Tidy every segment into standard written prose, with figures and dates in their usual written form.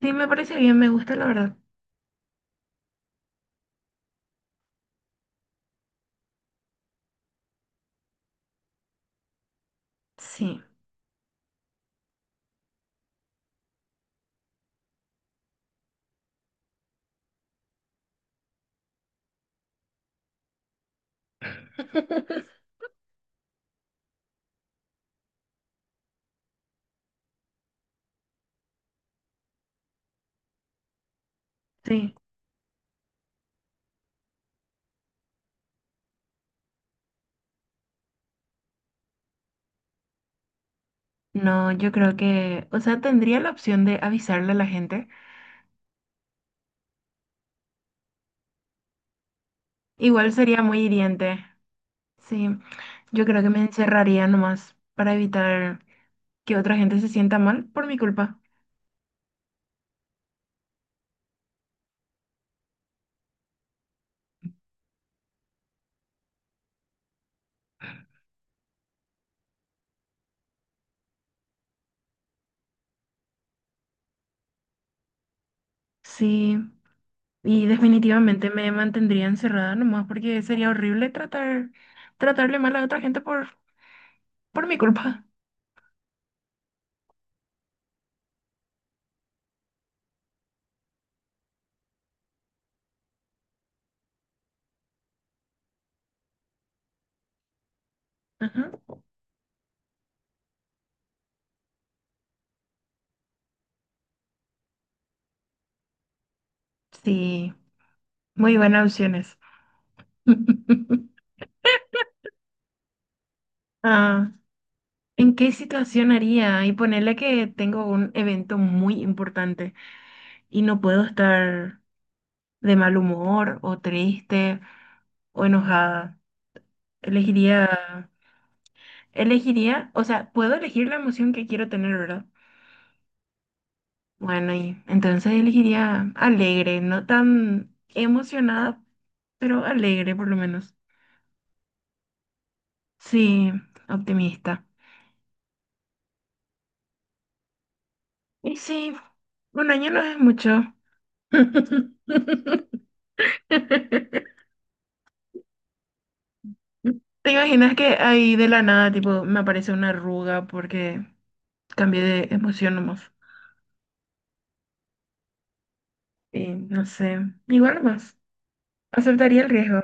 Sí, me parece bien, me gusta la verdad. Sí, sí. No, yo creo que, o sea, tendría la opción de avisarle a la gente. Igual sería muy hiriente. Sí, yo creo que me encerraría nomás para evitar que otra gente se sienta mal por mi culpa. Sí, y definitivamente me mantendría encerrada nomás porque sería horrible tratar, tratarle mal a otra gente por mi culpa. Ajá. Sí, muy buenas opciones. Ah. ¿En qué situación haría? Y ponerle que tengo un evento muy importante y no puedo estar de mal humor o triste o enojada. Elegiría, elegiría, o sea, puedo elegir la emoción que quiero tener, ¿verdad? Bueno, y entonces elegiría alegre, no tan emocionada, pero alegre por lo menos. Sí, optimista. Y sí, 1 año no es mucho. ¿Te imaginas que ahí de la nada, tipo, me aparece una arruga porque cambié de emoción nomás? Y no sé, igual nomás, aceptaría el riesgo,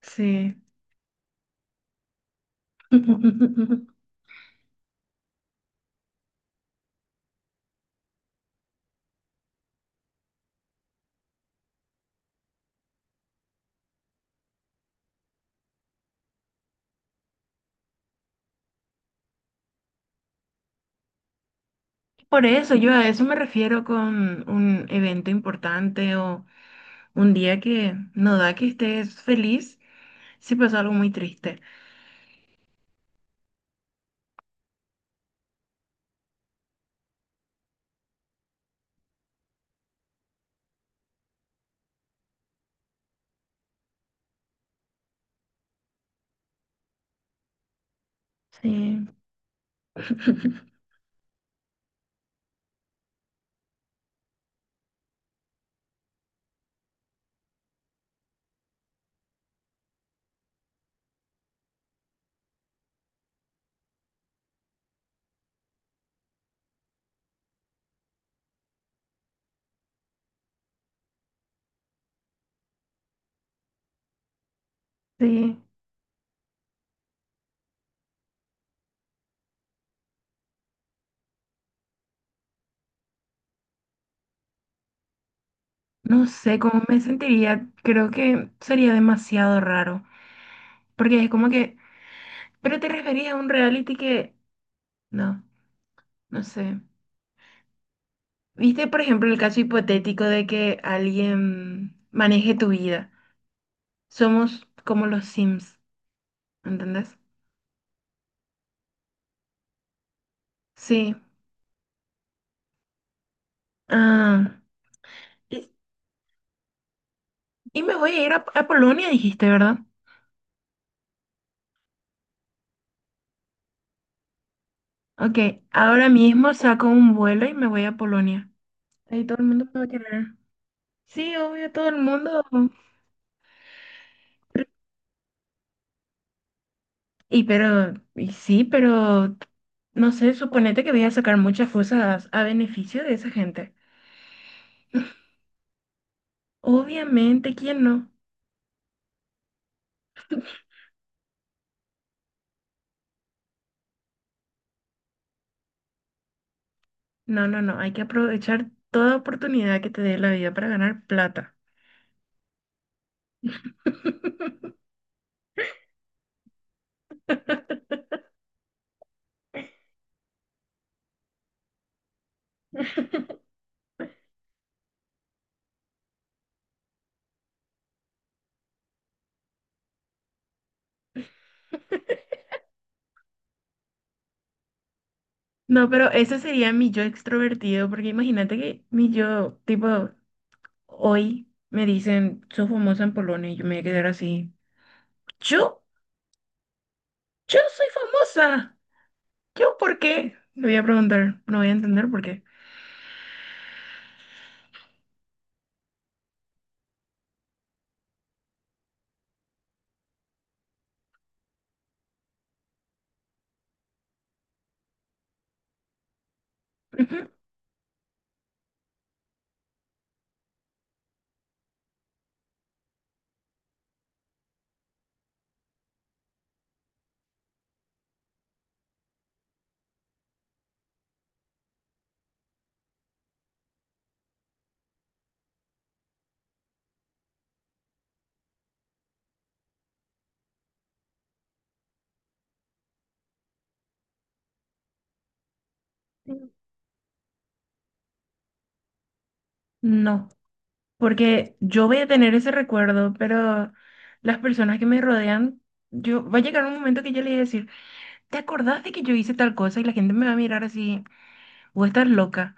sí. Por eso, yo a eso me refiero con un evento importante o un día que no da que estés feliz si pasó algo muy triste. Sí, sí. No sé cómo me sentiría, creo que sería demasiado raro, porque es como que, pero te referías a un reality que no, no sé. ¿Viste, por ejemplo, el caso hipotético de que alguien maneje tu vida? Somos como los Sims, ¿entendés? Sí. Ah, y, y me voy a ir a Polonia, dijiste, ¿verdad? Ok, ahora mismo saco un vuelo y me voy a Polonia. Ahí todo el mundo me va a querer. Sí, obvio, todo el mundo. Y pero, y sí, pero, no sé, suponete que voy a sacar muchas cosas a beneficio de esa gente. Obviamente, ¿quién no? No, no, no, hay que aprovechar toda oportunidad que te dé la vida para ganar plata. No, pero ese sería mi yo extrovertido, porque imagínate que mi yo, tipo, hoy me dicen, sos famosa en Polonia, y yo me voy a quedar así. ¿Yo? ¿Yo soy famosa? ¿Yo por qué? Le voy a preguntar, no voy a entender por qué. Ujú. No, porque yo voy a tener ese recuerdo, pero las personas que me rodean, yo va a llegar un momento que yo le voy a decir. ¿Te acordás de que yo hice tal cosa y la gente me va a mirar así, vos estás loca?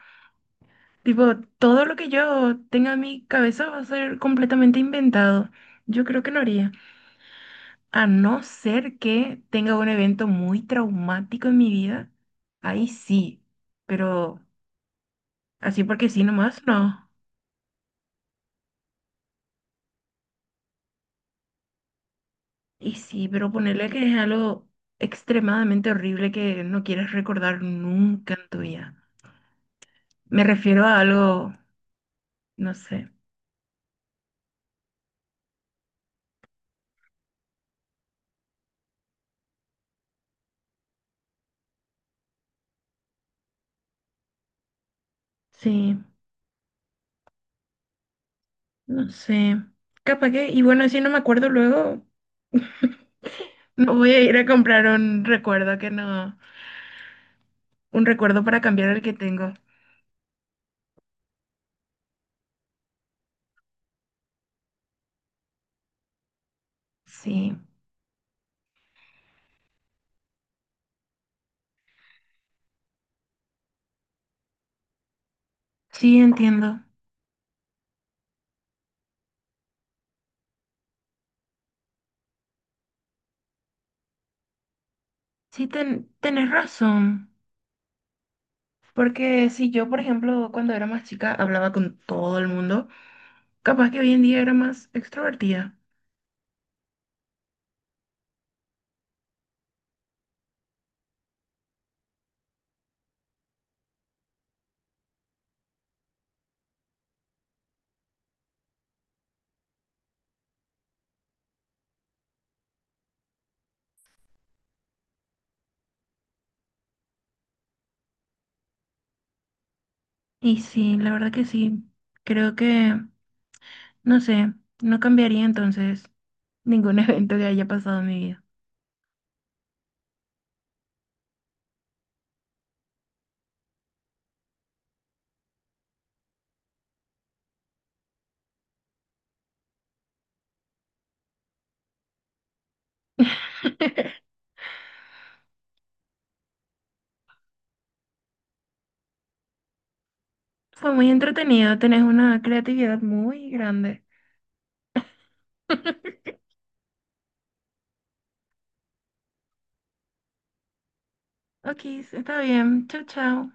Tipo, todo lo que yo tenga en mi cabeza va a ser completamente inventado. Yo creo que no haría. A no ser que tenga un evento muy traumático en mi vida, ahí sí. Pero así porque sí nomás, no. Y sí, pero ponerle que es algo extremadamente horrible que no quieres recordar nunca en tu vida. Me refiero a algo, no sé. Sí. No sé, capaz que, y bueno, si no me acuerdo luego, me voy a ir a comprar un recuerdo que no, un recuerdo para cambiar el que tengo. Sí, sí, entiendo. Sí, tenés razón. Porque si yo, por ejemplo, cuando era más chica hablaba con todo el mundo, capaz que hoy en día era más extrovertida. Y sí, la verdad que sí. Creo que, no sé, no cambiaría entonces ningún evento que haya pasado en mi vida. Fue muy entretenido, tenés una creatividad muy grande. Ok, está bien. Chau, chau.